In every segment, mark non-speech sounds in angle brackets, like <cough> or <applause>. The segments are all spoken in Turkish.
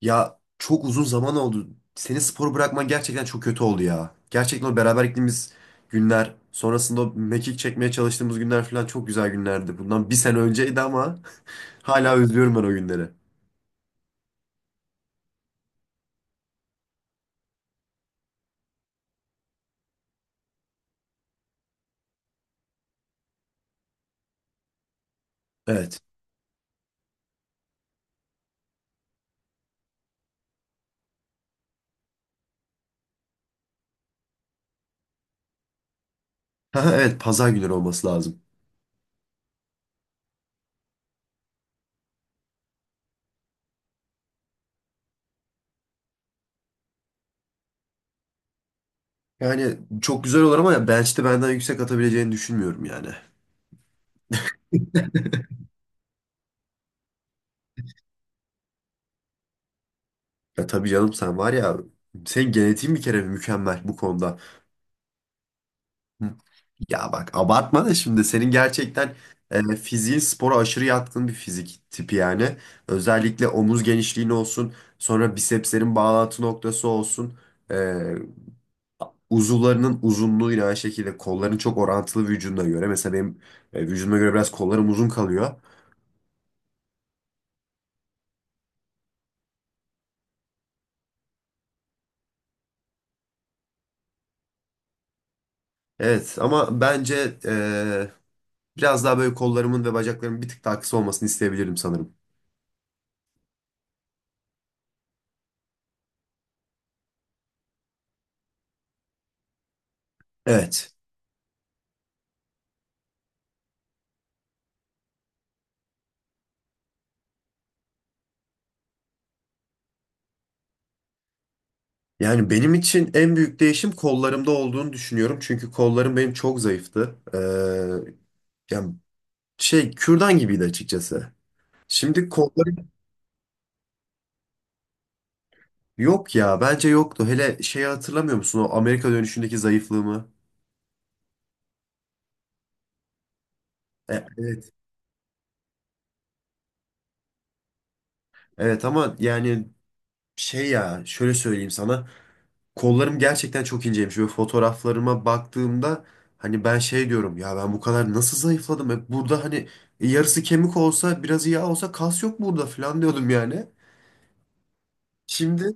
Ya çok uzun zaman oldu. Senin sporu bırakman gerçekten çok kötü oldu ya. Gerçekten o beraber gittiğimiz günler, sonrasında o mekik çekmeye çalıştığımız günler falan çok güzel günlerdi. Bundan bir sene önceydi ama <laughs> hala özlüyorum ben o günleri. Evet. <laughs> Ha, evet pazar günleri olması lazım. Yani çok güzel olur ama bench'te benden yüksek atabileceğini düşünmüyorum yani. Ya tabii canım sen var ya senin genetiğin bir kere mükemmel bu konuda. Hı. Ya bak abartma da şimdi senin gerçekten fiziğin spora aşırı yatkın bir fizik tipi yani. Özellikle omuz genişliğin olsun, sonra bisepslerin bağlantı noktası olsun. E, uzuvlarının uzunluğu yine aynı şekilde kolların çok orantılı vücuduna göre. Mesela benim vücuduma göre biraz kollarım uzun kalıyor. Evet ama bence biraz daha böyle kollarımın ve bacaklarımın bir tık daha kısa olmasını isteyebilirim sanırım. Evet. Yani benim için en büyük değişim kollarımda olduğunu düşünüyorum. Çünkü kollarım benim çok zayıftı. Yani şey kürdan gibiydi açıkçası. Şimdi kollarım yok ya bence yoktu. Hele şeyi hatırlamıyor musun o Amerika dönüşündeki zayıflığımı? Evet. Evet ama yani şey ya şöyle söyleyeyim sana. Kollarım gerçekten çok inceymiş. Böyle fotoğraflarıma baktığımda hani ben şey diyorum ya ben bu kadar nasıl zayıfladım? Burada hani yarısı kemik olsa biraz yağ olsa kas yok burada falan diyordum yani. Şimdi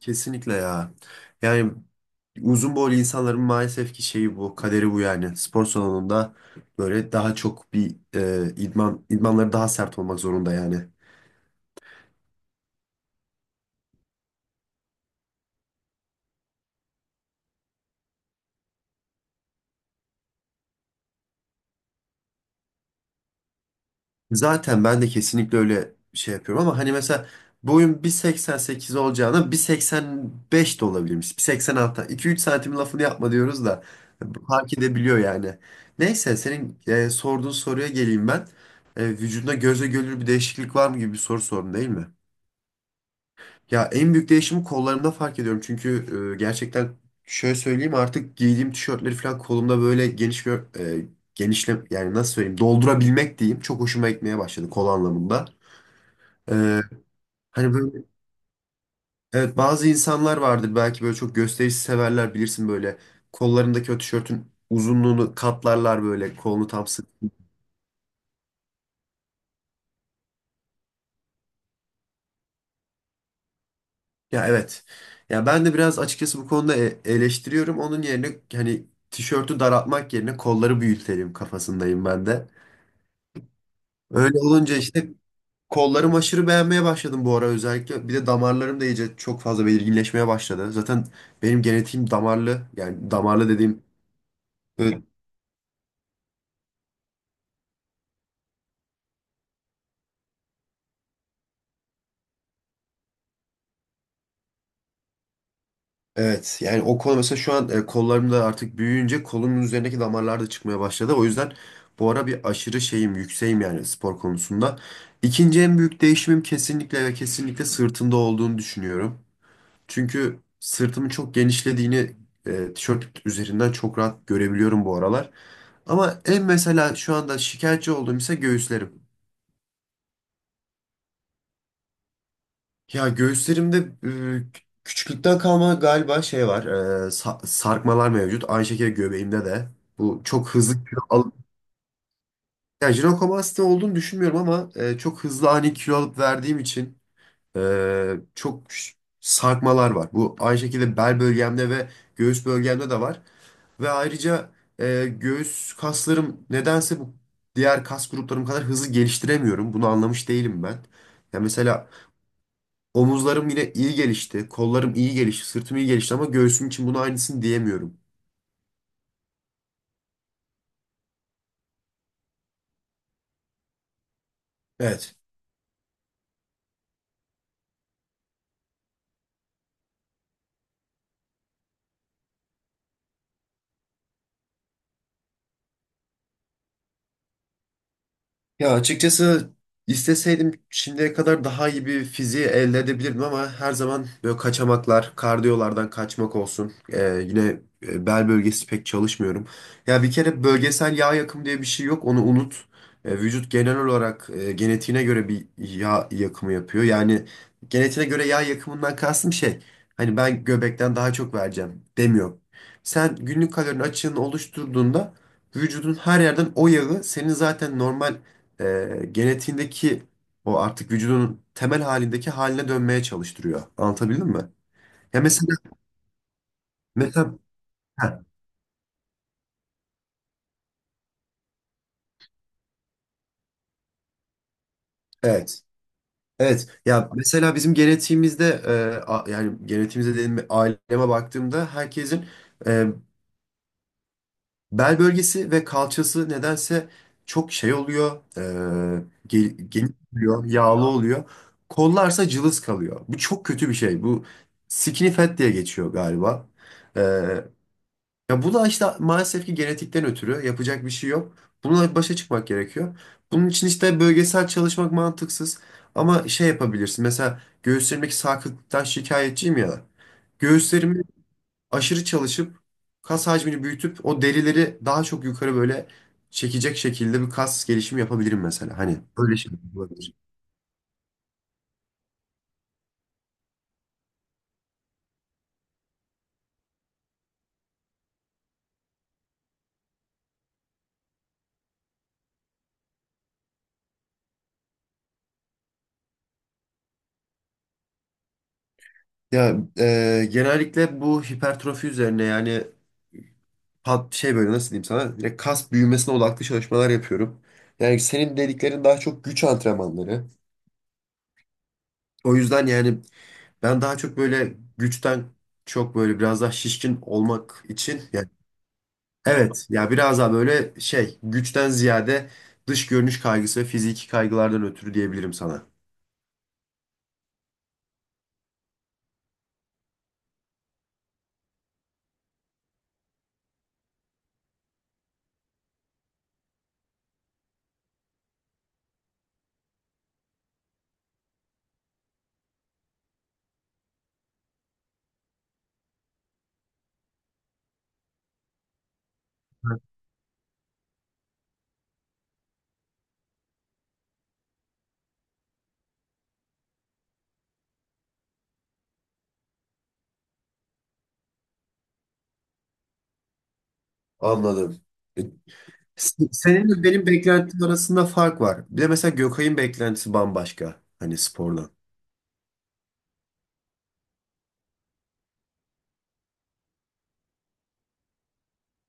kesinlikle ya. Yani uzun boylu insanların maalesef ki şeyi bu, kaderi bu yani. Spor salonunda böyle daha çok bir idmanları daha sert olmak zorunda yani. Zaten ben de kesinlikle öyle şey yapıyorum ama hani mesela boyum 1.88 olacağına 1.85 de olabilirmiş. 1.86. 2-3 santim lafını yapma diyoruz da fark edebiliyor yani. Neyse senin sorduğun soruya geleyim ben. Vücudunda göze görülür bir değişiklik var mı gibi bir soru sordun değil mi? Ya en büyük değişimi kollarımda fark ediyorum. Çünkü gerçekten şöyle söyleyeyim artık giydiğim tişörtleri falan kolumda böyle geniş bir e, genişle yani nasıl söyleyeyim doldurabilmek diyeyim. Çok hoşuma gitmeye başladı kol anlamında. E, hani böyle evet bazı insanlar vardır belki böyle çok gösterişi severler bilirsin böyle kollarındaki o tişörtün uzunluğunu katlarlar böyle kolunu tam sık. Ya evet. Ya ben de biraz açıkçası bu konuda eleştiriyorum. Onun yerine hani tişörtü daraltmak yerine kolları büyütelim kafasındayım ben de. Öyle olunca işte kollarımı aşırı beğenmeye başladım bu ara özellikle. Bir de damarlarım da iyice çok fazla belirginleşmeye başladı. Zaten benim genetiğim damarlı. Yani damarlı dediğim böyle- evet yani o kol mesela şu an kollarım da artık büyüyünce kolumun üzerindeki damarlar da çıkmaya başladı. O yüzden bu ara bir aşırı şeyim yükseğim yani spor konusunda. İkinci en büyük değişimim kesinlikle ve kesinlikle sırtımda olduğunu düşünüyorum. Çünkü sırtımın çok genişlediğini tişört üzerinden çok rahat görebiliyorum bu aralar. Ama en mesela şu anda şikayetçi olduğum ise göğüslerim. Ya göğüslerimde küçüklükten kalma galiba şey var. Sarkmalar mevcut. Aynı şekilde göbeğimde de. Bu çok hızlı kilo alıp... Yani jinekomasti olduğunu düşünmüyorum ama çok hızlı ani kilo alıp verdiğim için çok sarkmalar var. Bu aynı şekilde bel bölgemde ve göğüs bölgemde de var. Ve ayrıca göğüs kaslarım nedense bu diğer kas gruplarım kadar hızlı geliştiremiyorum. Bunu anlamış değilim ben. Ya mesela omuzlarım yine iyi gelişti, kollarım iyi gelişti, sırtım iyi gelişti ama göğsüm için bunu aynısını diyemiyorum. Evet. Ya açıkçası isteseydim şimdiye kadar daha iyi bir fiziği elde edebilirdim ama her zaman böyle kaçamaklar, kardiyolardan kaçmak olsun. Yine bel bölgesi pek çalışmıyorum. Ya bir kere bölgesel yağ yakımı diye bir şey yok, onu unut. Vücut genel olarak genetiğine göre bir yağ yakımı yapıyor. Yani genetiğine göre yağ yakımından kastım şey, hani ben göbekten daha çok vereceğim demiyor. Sen günlük kalorinin açığını oluşturduğunda vücudun her yerden o yağı senin zaten normal genetiğindeki o artık vücudunun temel halindeki haline dönmeye çalıştırıyor. Anlatabildim mi? Ya mesela mesela heh, evet. Evet. Ya mesela bizim genetiğimizde yani genetiğimizde dediğim aileme baktığımda herkesin e, bel bölgesi ve kalçası nedense çok şey oluyor. Geniş oluyor, yağlı oluyor. Kollarsa cılız kalıyor. Bu çok kötü bir şey. Bu skinny fat diye geçiyor galiba. E, Ya bu da işte maalesef ki genetikten ötürü yapacak bir şey yok. Bununla başa çıkmak gerekiyor. Bunun için işte bölgesel çalışmak mantıksız. Ama şey yapabilirsin. Mesela göğüslerimdeki sarkıklıktan şikayetçiyim ya. Göğüslerimi aşırı çalışıp kas hacmini büyütüp o derileri daha çok yukarı böyle çekecek şekilde bir kas gelişimi yapabilirim mesela. Hani öyle şey olabilir. Ya genellikle bu hipertrofi üzerine yani şey böyle nasıl diyeyim sana direkt kas büyümesine odaklı çalışmalar yapıyorum. Yani senin dediklerin daha çok güç antrenmanları. O yüzden yani ben daha çok böyle güçten çok böyle biraz daha şişkin olmak için yani evet ya biraz daha böyle şey güçten ziyade dış görünüş kaygısı ve fiziki kaygılardan ötürü diyebilirim sana. Anladım. E, Senin benim beklentim arasında fark var. Bir de mesela Gökay'ın beklentisi bambaşka hani spordan.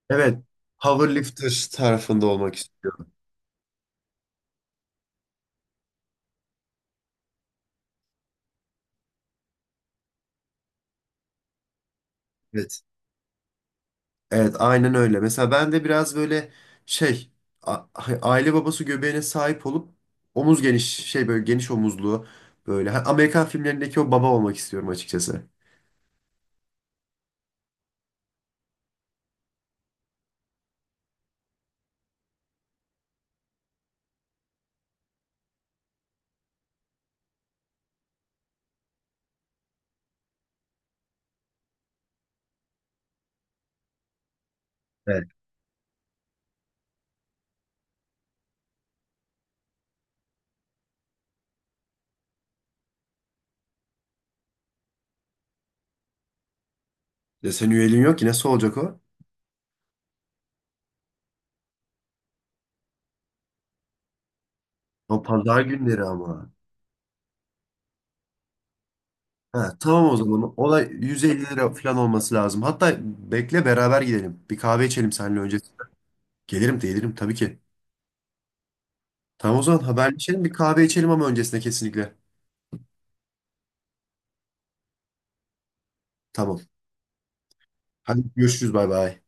Evet, powerlifter tarafında olmak. Evet. Evet, aynen öyle. Mesela ben de biraz böyle şey hani aile babası göbeğine sahip olup omuz geniş şey böyle geniş omuzlu böyle Ha, Amerikan filmlerindeki o baba olmak istiyorum açıkçası. Evet. Ya senin üyeliğin yok ki nasıl olacak o? O pazar günleri ama. Ha, tamam o zaman. Olay 150 lira falan olması lazım. Hatta bekle beraber gidelim. Bir kahve içelim seninle öncesinde. Gelirim de gelirim tabii ki. Tamam o zaman haberleşelim bir kahve içelim ama öncesinde kesinlikle. Tamam. Hadi görüşürüz bay bay.